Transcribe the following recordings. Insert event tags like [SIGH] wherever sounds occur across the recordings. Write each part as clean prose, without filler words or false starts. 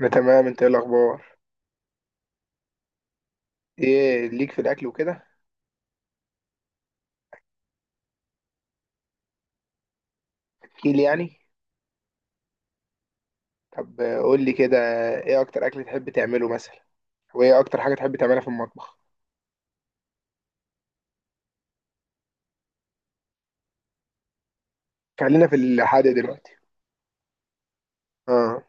انا تمام، انت ايه الاخبار؟ ايه ليك في الاكل وكده؟ احكي لي يعني. طب قول لي كده. ايه اكتر اكل تحب تعمله مثلا؟ وايه اكتر حاجه تحب تعملها في المطبخ؟ خلينا في الحادق دلوقتي. اه.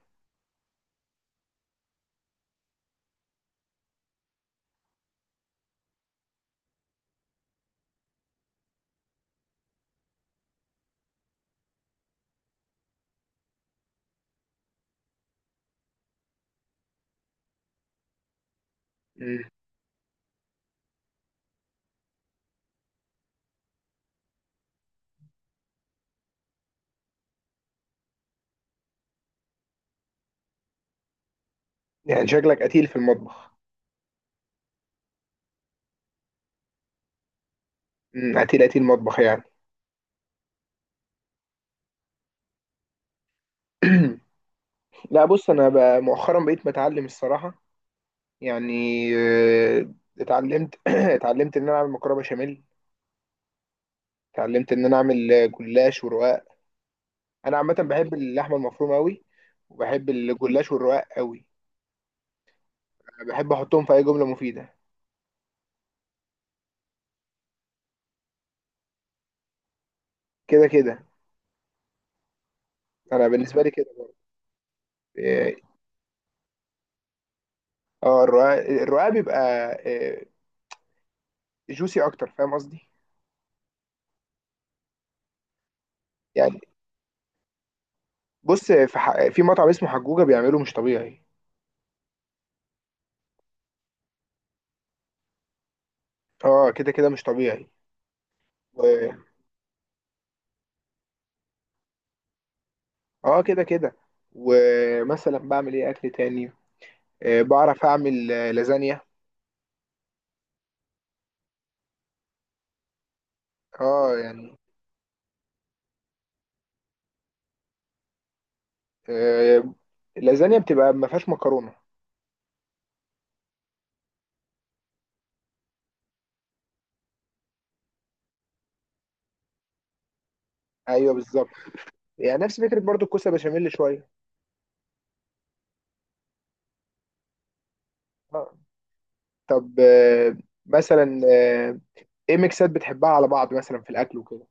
مم. يعني شكلك قتيل في المطبخ. قتيل قتيل مطبخ يعني. [CLEARS THROAT] لا بص، انا بقى مؤخرا بقيت بتعلم الصراحه. يعني آه، اتعلمت [CLEARS THROAT] اتعلمت ان انا اعمل مكرونه بشاميل. اتعلمت ان انا اعمل جلاش ورقاق. انا عامه بحب اللحمه المفرومه قوي، وبحب الجلاش والرقاق قوي. بحب احطهم في اي جمله مفيده. كده كده. انا بالنسبه لي كده. إيه، اه الرقاق الرقاق بيبقى جوسي اكتر، فاهم قصدي؟ يعني بص، في مطعم اسمه حجوجه بيعمله مش طبيعي. اه كده كده مش طبيعي. و... اه كده كده. ومثلا بعمل ايه اكل تاني؟ بعرف اعمل لازانيا. اه يعني، آه اللازانيا بتبقى ما فيهاش مكرونه. ايوه بالظبط. يعني نفس فكره برضو الكوسه بشاميل شويه. آه. طب مثلا، ايه ميكسات بتحبها على بعض مثلا في الاكل وكده؟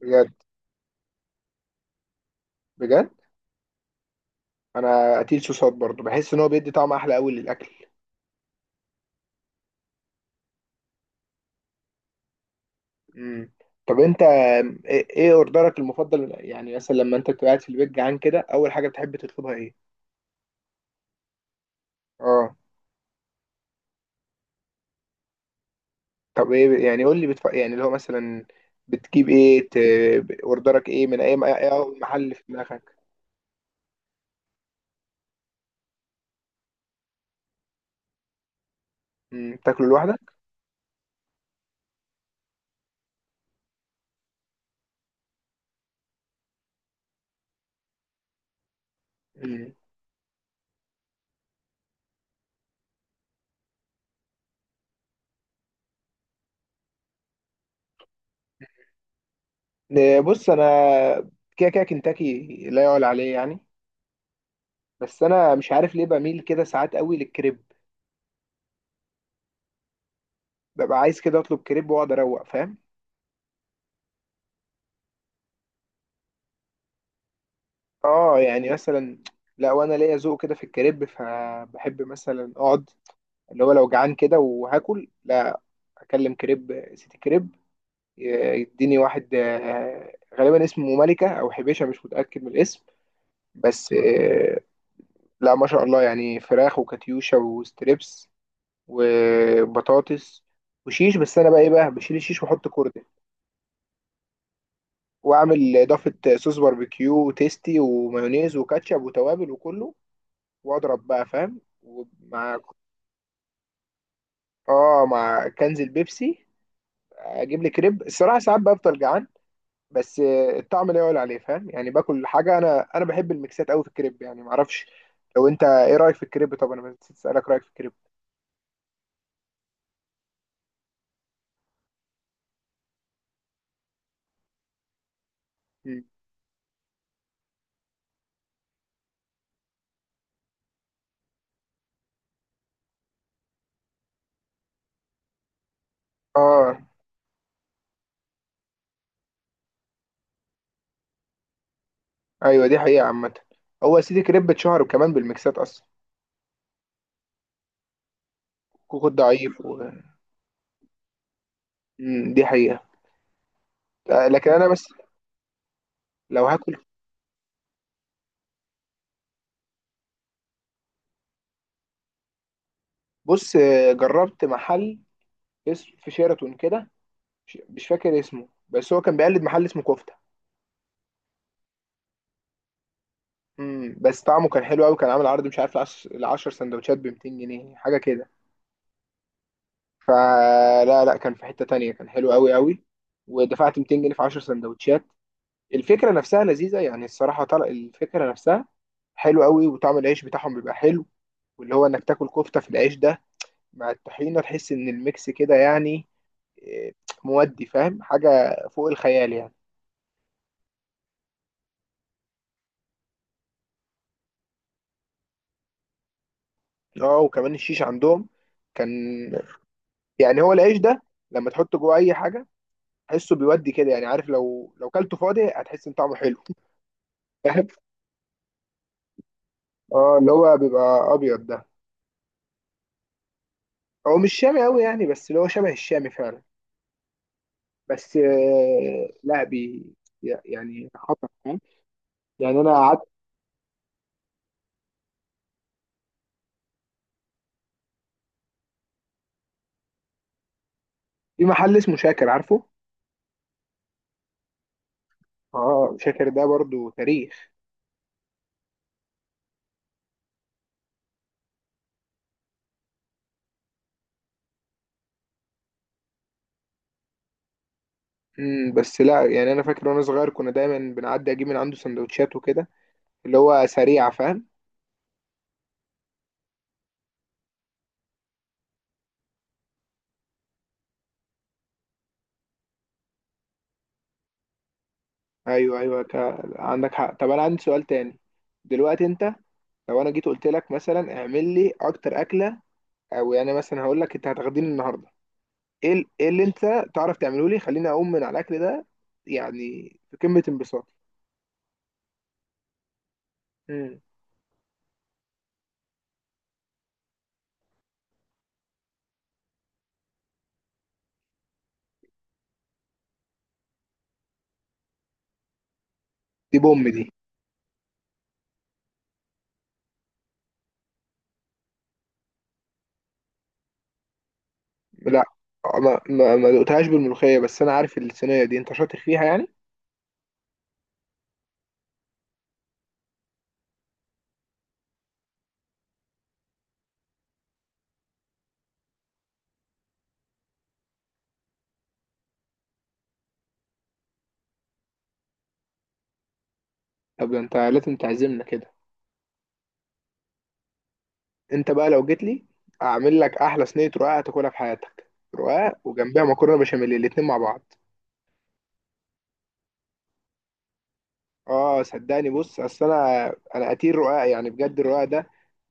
بجد؟ بجد؟ انا قتيل صوصات برضو، بحس ان هو بيدي طعم احلى قوي للاكل. امم. طب انت إيه اوردرك المفضل يعني؟ مثلا لما انت بتبقى قاعد في البيت جعان كده، اول حاجه بتحب تطلبها ايه؟ اه. طب ايه يعني، قول لي، يعني اللي هو مثلا، بتجيب ايه ت... اوردرك ايه من أي محل في دماغك؟ تاكله لوحدك؟ امم إيه، بص انا، كده كده كنتاكي لا يعلى عليه يعني. بس انا مش عارف ليه بميل كده ساعات قوي للكريب. ببقى عايز كده اطلب كريب واقعد اروق، فاهم؟ اه يعني مثلا، لا وانا ليا ذوق كده في الكريب، فبحب مثلا اقعد، اللي هو لو جعان كده وهاكل، لا اكلم كريب، سيتي كريب. يديني واحد غالبا اسمه ملكة او حبيشة، مش متأكد من الاسم. بس لا ما شاء الله، يعني فراخ وكاتيوشا وستريبس وبطاطس وشيش. بس انا بقى ايه بقى، بشيل الشيش واحط كوردة، واعمل اضافه صوص باربيكيو وتيستي ومايونيز وكاتشب وتوابل، وكله. واضرب بقى، فاهم؟ ومع، اه، مع كنز البيبسي، اجيب لي كريب. الصراحه ساعات بفضل جعان، بس الطعم لا يعلى عليه، فاهم؟ يعني باكل حاجه. انا بحب الميكسات قوي في الكريب، يعني معرفش. لو انت ايه رايك في الكريب؟ طب انا نسيت اسالك رايك في الكريب. مم. اه. ايوه دي حقيقه عامه. هو يا سيدي كريب اتشهر كمان بالميكسات اصلا. كوكو ضعيف دي حقيقه. لكن انا بس، لو هاكل. بص جربت محل، في شيراتون كده، مش فاكر اسمه، بس هو كان بيقلد محل اسمه كفته. بس طعمه كان حلو قوي. كان عامل عرض، مش عارف، العشر سندوتشات ب 200 جنيه، حاجه كده. فلا لا لا، كان في حته تانية، كان حلو قوي قوي. ودفعت 200 جنيه في 10 سندوتشات. الفكره نفسها لذيذه يعني، الصراحه طلع الفكره نفسها حلو قوي. وطعم العيش بتاعهم بيبقى حلو، واللي هو انك تاكل كفته في العيش ده مع الطحينه، تحس ان الميكس كده، يعني إيه، مودي، فاهم؟ حاجه فوق الخيال يعني. اه وكمان الشيش عندهم كان، يعني هو العيش ده لما تحطه جوه اي حاجه تحسه بيودي كده. يعني عارف، لو كلته فاضي هتحس ان طعمه حلو. [LAUGHS] فاهم؟ اه اللي هو بيبقى ابيض ده. هو مش شامي قوي يعني، بس اللي هو شبه الشامي فعلا. بس لا بي، يعني خطر، فاهم؟ يعني انا قعدت في محل اسمه شاكر، عارفه؟ اه شاكر ده برضو تاريخ. بس لا، يعني انا فاكر وانا صغير كنا دايما بنعدي اجيب من عنده سندوتشات وكده، اللي هو سريعه، فاهم؟ ايوه ايوه، عندك حق. طب انا عندي سؤال تاني. دلوقتي انت، لو انا جيت قلت لك مثلا اعمل لي اكتر اكله، او يعني مثلا هقول لك انت هتاخديني النهارده ايه اللي انت تعرف تعمله لي، خليني اقوم من على الاكل ده يعني، في قمه انبساطي. مم. دي بوم دي. لا، ما دقتهاش بالملوخيه، بس انا عارف الصينيه دي انت شاطر فيها يعني. طب ده انت لازم تعزمنا كده. انت بقى لو جيت لي، اعمل لك احلى صينيه رقاق هتاكلها في حياتك. رقاق وجنبها مكرونه بشاميل، الاتنين مع بعض. اه صدقني، بص اصل انا قتيل رقاق يعني، بجد. الرقاق ده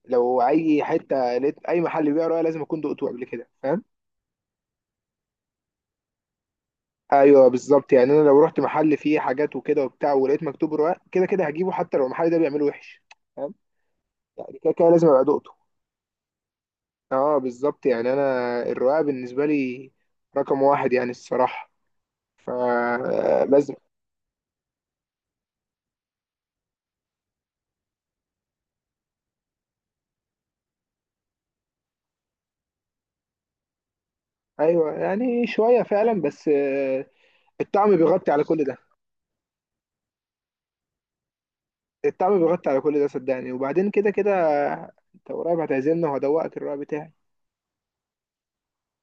لو اي حته لقيت اي محل بيبيع رقاق لازم اكون دقته قبل كده، فاهم؟ ايوه بالظبط. يعني انا لو رحت محل فيه حاجات وكده وبتاع، ولقيت مكتوب رقاق، كده كده هجيبه. حتى لو المحل ده بيعمله وحش، فاهم؟ يعني كده كده لازم ابقى دقته. اه بالظبط. يعني انا الرقاق بالنسبه لي رقم واحد يعني الصراحه، فلازم. ايوه يعني شويه فعلا، بس الطعم بيغطي على كل ده. التعب بيغطي على كل ده صدقني. وبعدين كده كده انت قريب هتعزلنا، وهدوقك الرأي بتاعي.